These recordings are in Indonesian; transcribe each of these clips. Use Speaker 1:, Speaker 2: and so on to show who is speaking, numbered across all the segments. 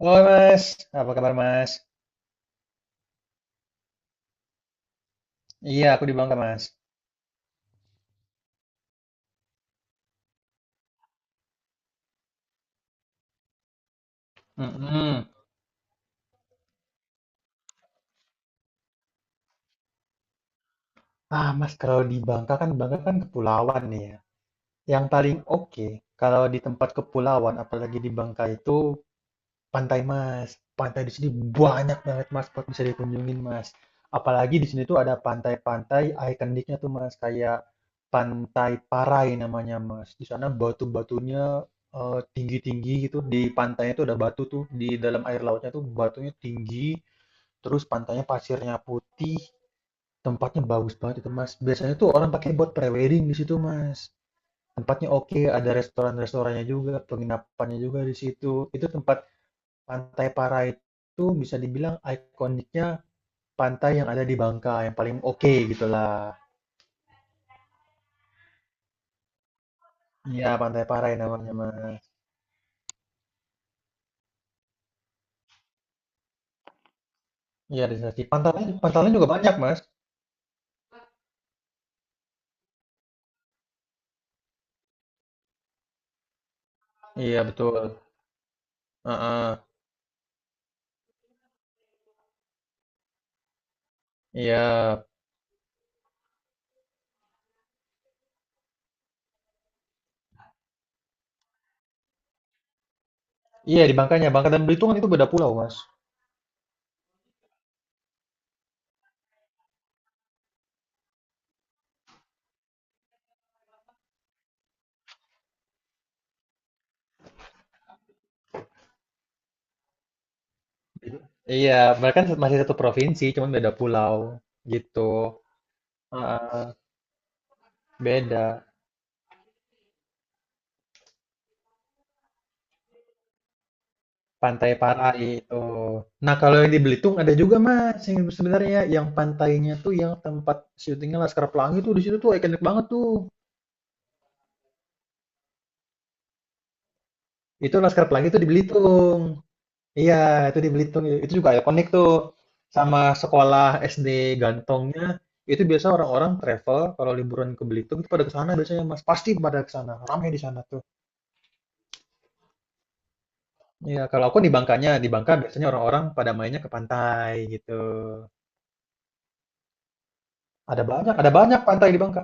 Speaker 1: Halo Mas, apa kabar Mas? Iya, aku di Bangka Mas. Mm-mm. Ah Mas, kalau di Bangka kan kepulauan nih ya. Yang paling oke kalau di tempat kepulauan, apalagi di Bangka itu pantai Mas. Pantai di sini banyak banget Mas buat bisa dikunjungin Mas. Apalagi di sini tuh ada pantai-pantai ikoniknya tuh Mas, kayak Pantai Parai namanya Mas. Di sana batu-batunya tinggi-tinggi gitu. Di pantainya tuh ada batu tuh di dalam air lautnya tuh batunya tinggi, terus pantainya pasirnya putih, tempatnya bagus banget itu Mas. Biasanya tuh orang pakai buat prewedding di situ Mas. Tempatnya oke, ada restoran-restorannya juga, penginapannya juga di situ itu. Tempat pantai Parai itu bisa dibilang ikoniknya pantai yang ada di Bangka yang paling oke gitulah. Iya pantai Parai namanya Mas. Iya di sana sih pantai, pantainya juga banyak Mas. Iya betul. Heeh. Iya. Iya di Bangkanya, Bangka dan Belitung kan itu beda pulau Mas. Iya, mereka kan masih satu provinsi, cuman beda pulau gitu. Heeh, beda. Pantai Parai itu. Nah, kalau yang di Belitung ada juga Mas, yang sebenarnya yang pantainya tuh yang tempat syutingnya Laskar Pelangi tuh di situ tuh ikonik banget tuh. Itu Laskar Pelangi tuh di Belitung. Iya, itu di Belitung. Itu juga ikonik tuh. Sama sekolah SD Gantongnya itu biasa orang-orang travel kalau liburan ke Belitung itu pada ke sana biasanya Mas. Pasti pada ke sana. Ramai di sana tuh. Iya, kalau aku di Bangkanya, di Bangka biasanya orang-orang pada mainnya ke pantai gitu. Ada banyak pantai di Bangka.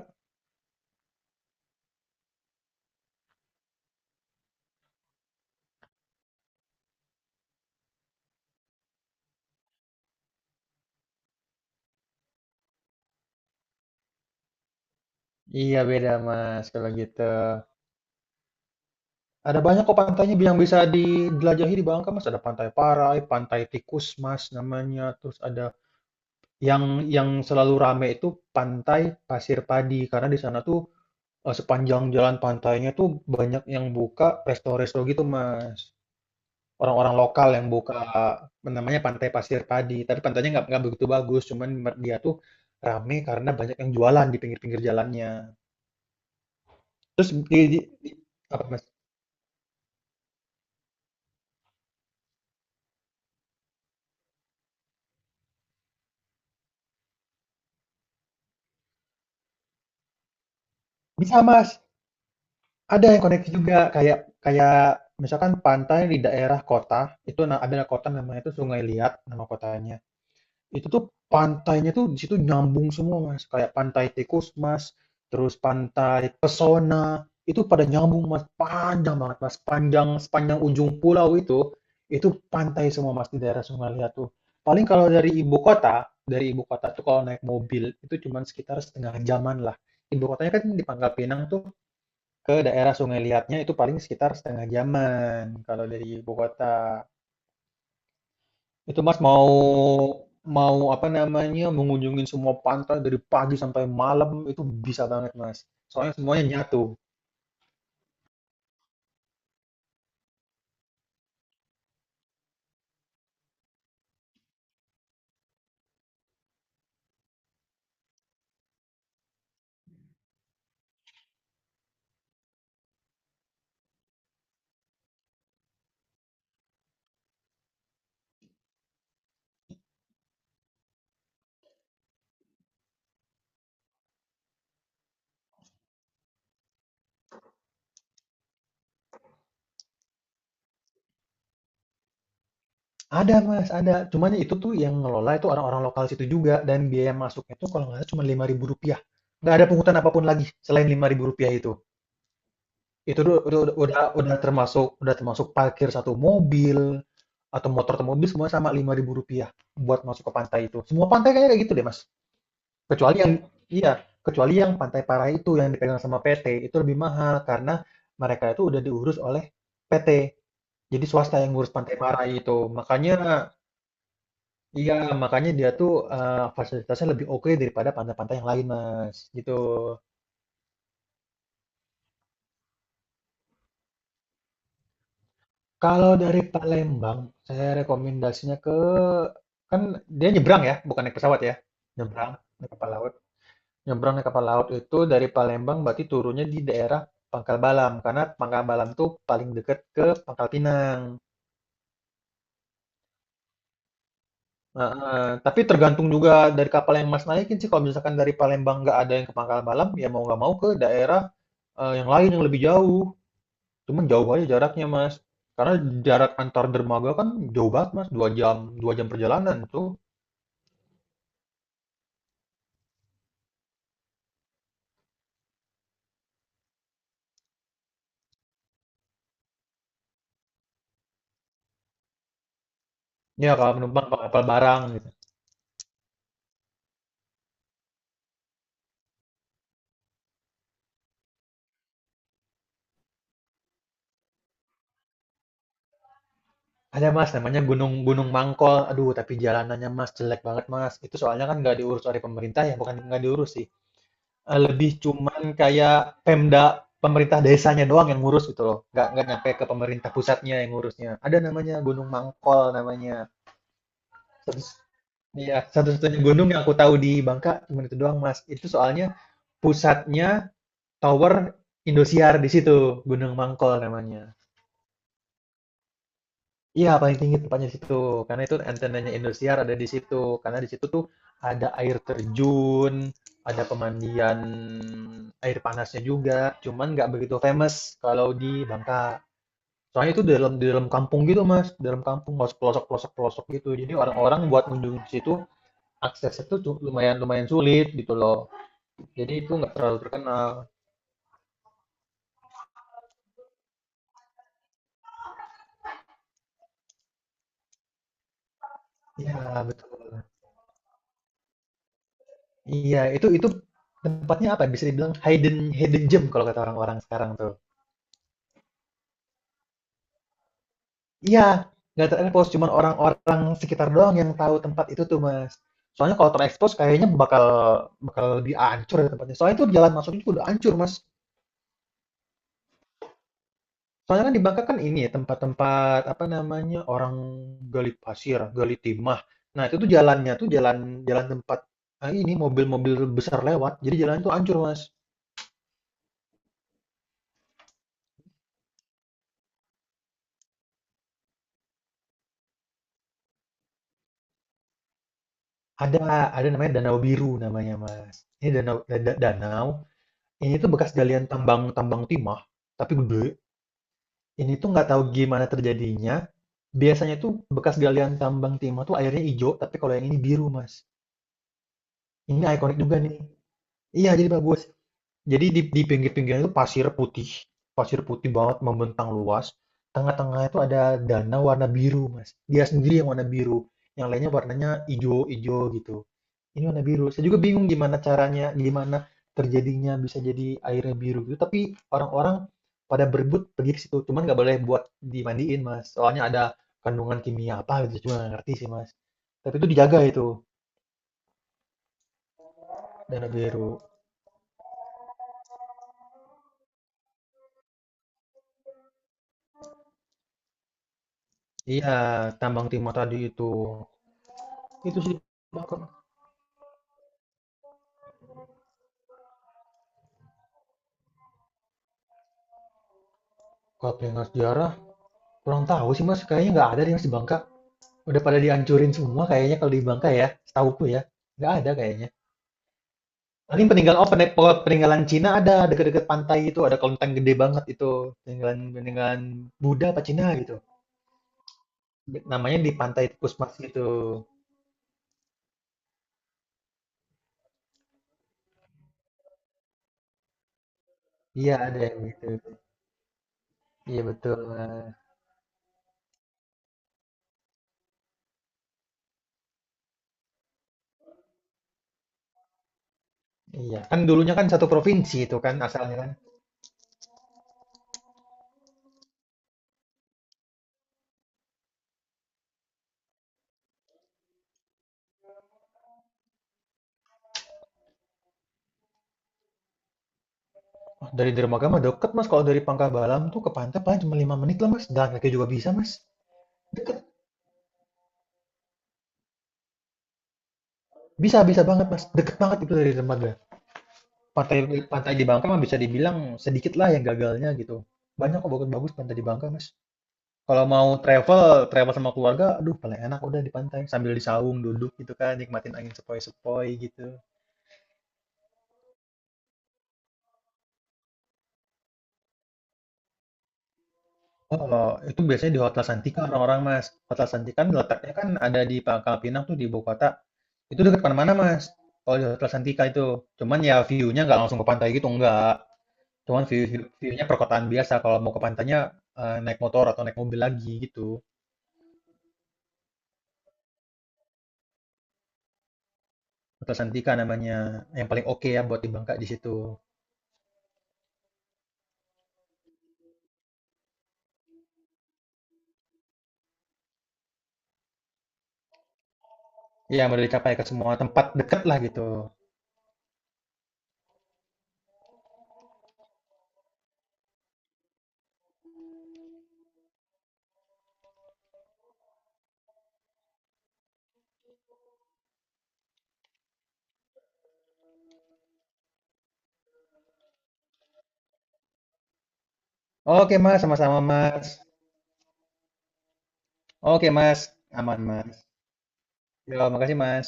Speaker 1: Iya beda Mas kalau gitu. Ada banyak kok pantainya yang bisa dijelajahi di Bangka Mas. Ada Pantai Parai, Pantai Tikus Mas namanya. Terus ada yang yang selalu rame itu Pantai Pasir Padi, karena di sana tuh sepanjang jalan pantainya tuh banyak yang buka resto-resto gitu Mas. Orang-orang lokal yang buka, apa namanya, Pantai Pasir Padi. Tapi pantainya nggak begitu bagus, cuman dia tuh rame karena banyak yang jualan di pinggir-pinggir jalannya. Terus apa Mas? Bisa Mas, ada yang koneksi juga kayak kayak misalkan pantai di daerah kota itu ada kota namanya itu Sungai Liat nama kotanya. Itu tuh pantainya tuh di situ nyambung semua, Mas. Kayak pantai tikus, Mas, terus pantai pesona, itu pada nyambung, Mas. Panjang banget, Mas. Panjang sepanjang ujung pulau itu pantai semua, Mas, di daerah Sungai Liat tuh. Paling kalau dari ibu kota tuh kalau naik mobil itu cuman sekitar setengah jaman lah. Ibu kotanya kan di Pangkal Pinang tuh, ke daerah Sungai Liatnya itu paling sekitar setengah jaman kalau dari ibu kota. Itu Mas mau mau apa namanya mengunjungi semua pantai dari pagi sampai malam itu bisa banget Mas. Soalnya semuanya nyatu. Ada Mas, ada. Cuman itu tuh yang ngelola itu orang-orang lokal situ juga, dan biaya masuknya tuh kalau nggak salah cuma lima ribu rupiah. Nggak ada pungutan apapun lagi selain lima ribu rupiah itu. Itu udah termasuk, udah termasuk parkir satu mobil atau motor atau mobil, semua sama lima ribu rupiah buat masuk ke pantai itu. Semua pantai kayaknya kayak gitu deh Mas. Kecuali yang iya, kecuali yang Pantai Parai itu yang dipegang sama PT, itu lebih mahal karena mereka itu udah diurus oleh PT. Jadi swasta yang ngurus Pantai Parai itu. Makanya iya, makanya dia tuh fasilitasnya lebih oke daripada pantai-pantai yang lain, Mas. Gitu. Kalau dari Palembang, saya rekomendasinya ke, kan dia nyebrang ya, bukan naik pesawat ya. Nyebrang naik kapal laut. Nyebrang naik kapal laut itu dari Palembang berarti turunnya di daerah Pangkal Balam, karena Pangkal Balam tuh paling deket ke Pangkal Pinang. Heeh, tapi tergantung juga dari kapal yang Mas naikin sih. Kalau misalkan dari Palembang nggak ada yang ke Pangkal Balam, ya mau nggak mau ke daerah yang lain yang lebih jauh. Cuman jauh aja jaraknya, Mas. Karena jarak antar dermaga kan jauh banget, Mas. Dua jam perjalanan tuh. Ya kalau penumpang kapal barang gitu. Ada Mas, namanya Gunung Gunung Mangkol. Aduh, tapi jalanannya Mas jelek banget Mas. Itu soalnya kan nggak diurus oleh pemerintah ya, bukan nggak diurus sih. Lebih cuman kayak Pemda, pemerintah desanya doang yang ngurus gitu loh. Nggak nyampe ke pemerintah pusatnya yang ngurusnya. Ada namanya Gunung Mangkol namanya. Terus iya, satu-satunya gunung yang aku tahu di Bangka cuma itu doang, Mas. Itu soalnya pusatnya Tower Indosiar di situ, Gunung Mangkol namanya. Iya paling tinggi tempatnya di situ, karena itu antenanya Indosiar ada di situ, karena di situ tuh ada air terjun, ada pemandian air panasnya juga, cuman nggak begitu famous kalau di Bangka. Soalnya itu di dalam, di dalam kampung gitu Mas, di dalam kampung harus pelosok pelosok pelosok gitu. Jadi orang-orang buat mengunjungi ke situ aksesnya tuh lumayan lumayan sulit gitu loh. Jadi itu nggak terlalu terkenal. Iya betul. Iya itu tempatnya apa ya? Bisa dibilang hidden hidden gem kalau kata orang-orang sekarang tuh. Iya, nggak terekspos, cuman orang-orang sekitar doang yang tahu tempat itu tuh, Mas. Soalnya kalau terekspos kayaknya bakal bakal lebih hancur ya tempatnya. Soalnya itu jalan masuknya juga udah hancur, Mas. Soalnya kan di Bangka kan ini ya, tempat-tempat apa namanya orang gali pasir, gali timah. Nah itu tuh jalannya tuh jalan jalan tempat ini mobil-mobil besar lewat. Jadi jalan itu hancur, Mas. Ada ada namanya Danau Biru namanya, Mas. Ini danau danau ini tuh bekas galian tambang tambang timah tapi gede. Ini tuh nggak tahu gimana terjadinya, biasanya tuh bekas galian tambang timah tuh airnya hijau, tapi kalau yang ini biru, Mas. Ini ikonik juga nih. Iya, jadi bagus. Jadi di pinggir-pinggirnya itu pasir putih. Pasir putih banget membentang luas. Tengah tengah itu ada danau warna biru, Mas. Dia sendiri yang warna biru. Yang lainnya warnanya hijau-hijau gitu. Ini warna biru. Saya juga bingung gimana caranya, gimana terjadinya bisa jadi airnya biru gitu. Tapi orang-orang pada berebut pergi ke situ. Cuman nggak boleh buat dimandiin, Mas. Soalnya ada kandungan kimia apa gitu. Cuma nggak ngerti sih, Mas. Tapi itu dijaga itu, dana biru. Iya, tambang timah tadi itu. Itu sih di Bangka. Kalau pengen sejarah, kurang tahu sih, Mas. Kayaknya nggak ada di Mas di Bangka. Udah pada dihancurin semua kayaknya kalau di Bangka ya. Setauku ya. Nggak ada kayaknya. Paling peninggalan, oh peninggalan Cina ada, dekat-dekat pantai itu ada kelenteng gede banget itu, peninggalan peninggalan Buddha apa Cina gitu namanya, di pantai Pusmas gitu. Iya ada yang gitu. Iya betul. Nah, iya kan dulunya kan satu provinsi itu kan asalnya kan. Wah, dari Dermaga mah deket Mas, kalau dari Pangkabalam tuh ke pantai paling cuma lima menit lah Mas, jalan kaki juga bisa Mas. Deket. Bisa, bisa banget Mas, deket banget itu dari Dermaga. Pantai pantai di Bangka mah bisa dibilang sedikit lah yang gagalnya gitu, banyak kok bagus-bagus pantai di Bangka Mas. Kalau mau travel, travel sama keluarga, aduh paling enak udah di pantai sambil di saung duduk gitu kan, nikmatin angin sepoi-sepoi gitu. Oh, kalau itu biasanya di Hotel Santika orang-orang Mas. Hotel Santika kan letaknya kan ada di Pangkal Pinang tuh di ibu kota. Itu dekat mana-mana Mas. Kalau di Hotel Santika itu, cuman ya view-nya nggak langsung ke pantai gitu enggak. Cuman view, nya perkotaan biasa. Kalau mau ke pantainya naik motor atau naik mobil lagi gitu. Hotel Santika namanya, yang paling oke ya buat di Bangka di situ. Iya, udah dicapai ke semua tempat deket lah gitu. Oke Mas, sama-sama Mas. Oke Mas, aman Mas. Ya, makasih Mas.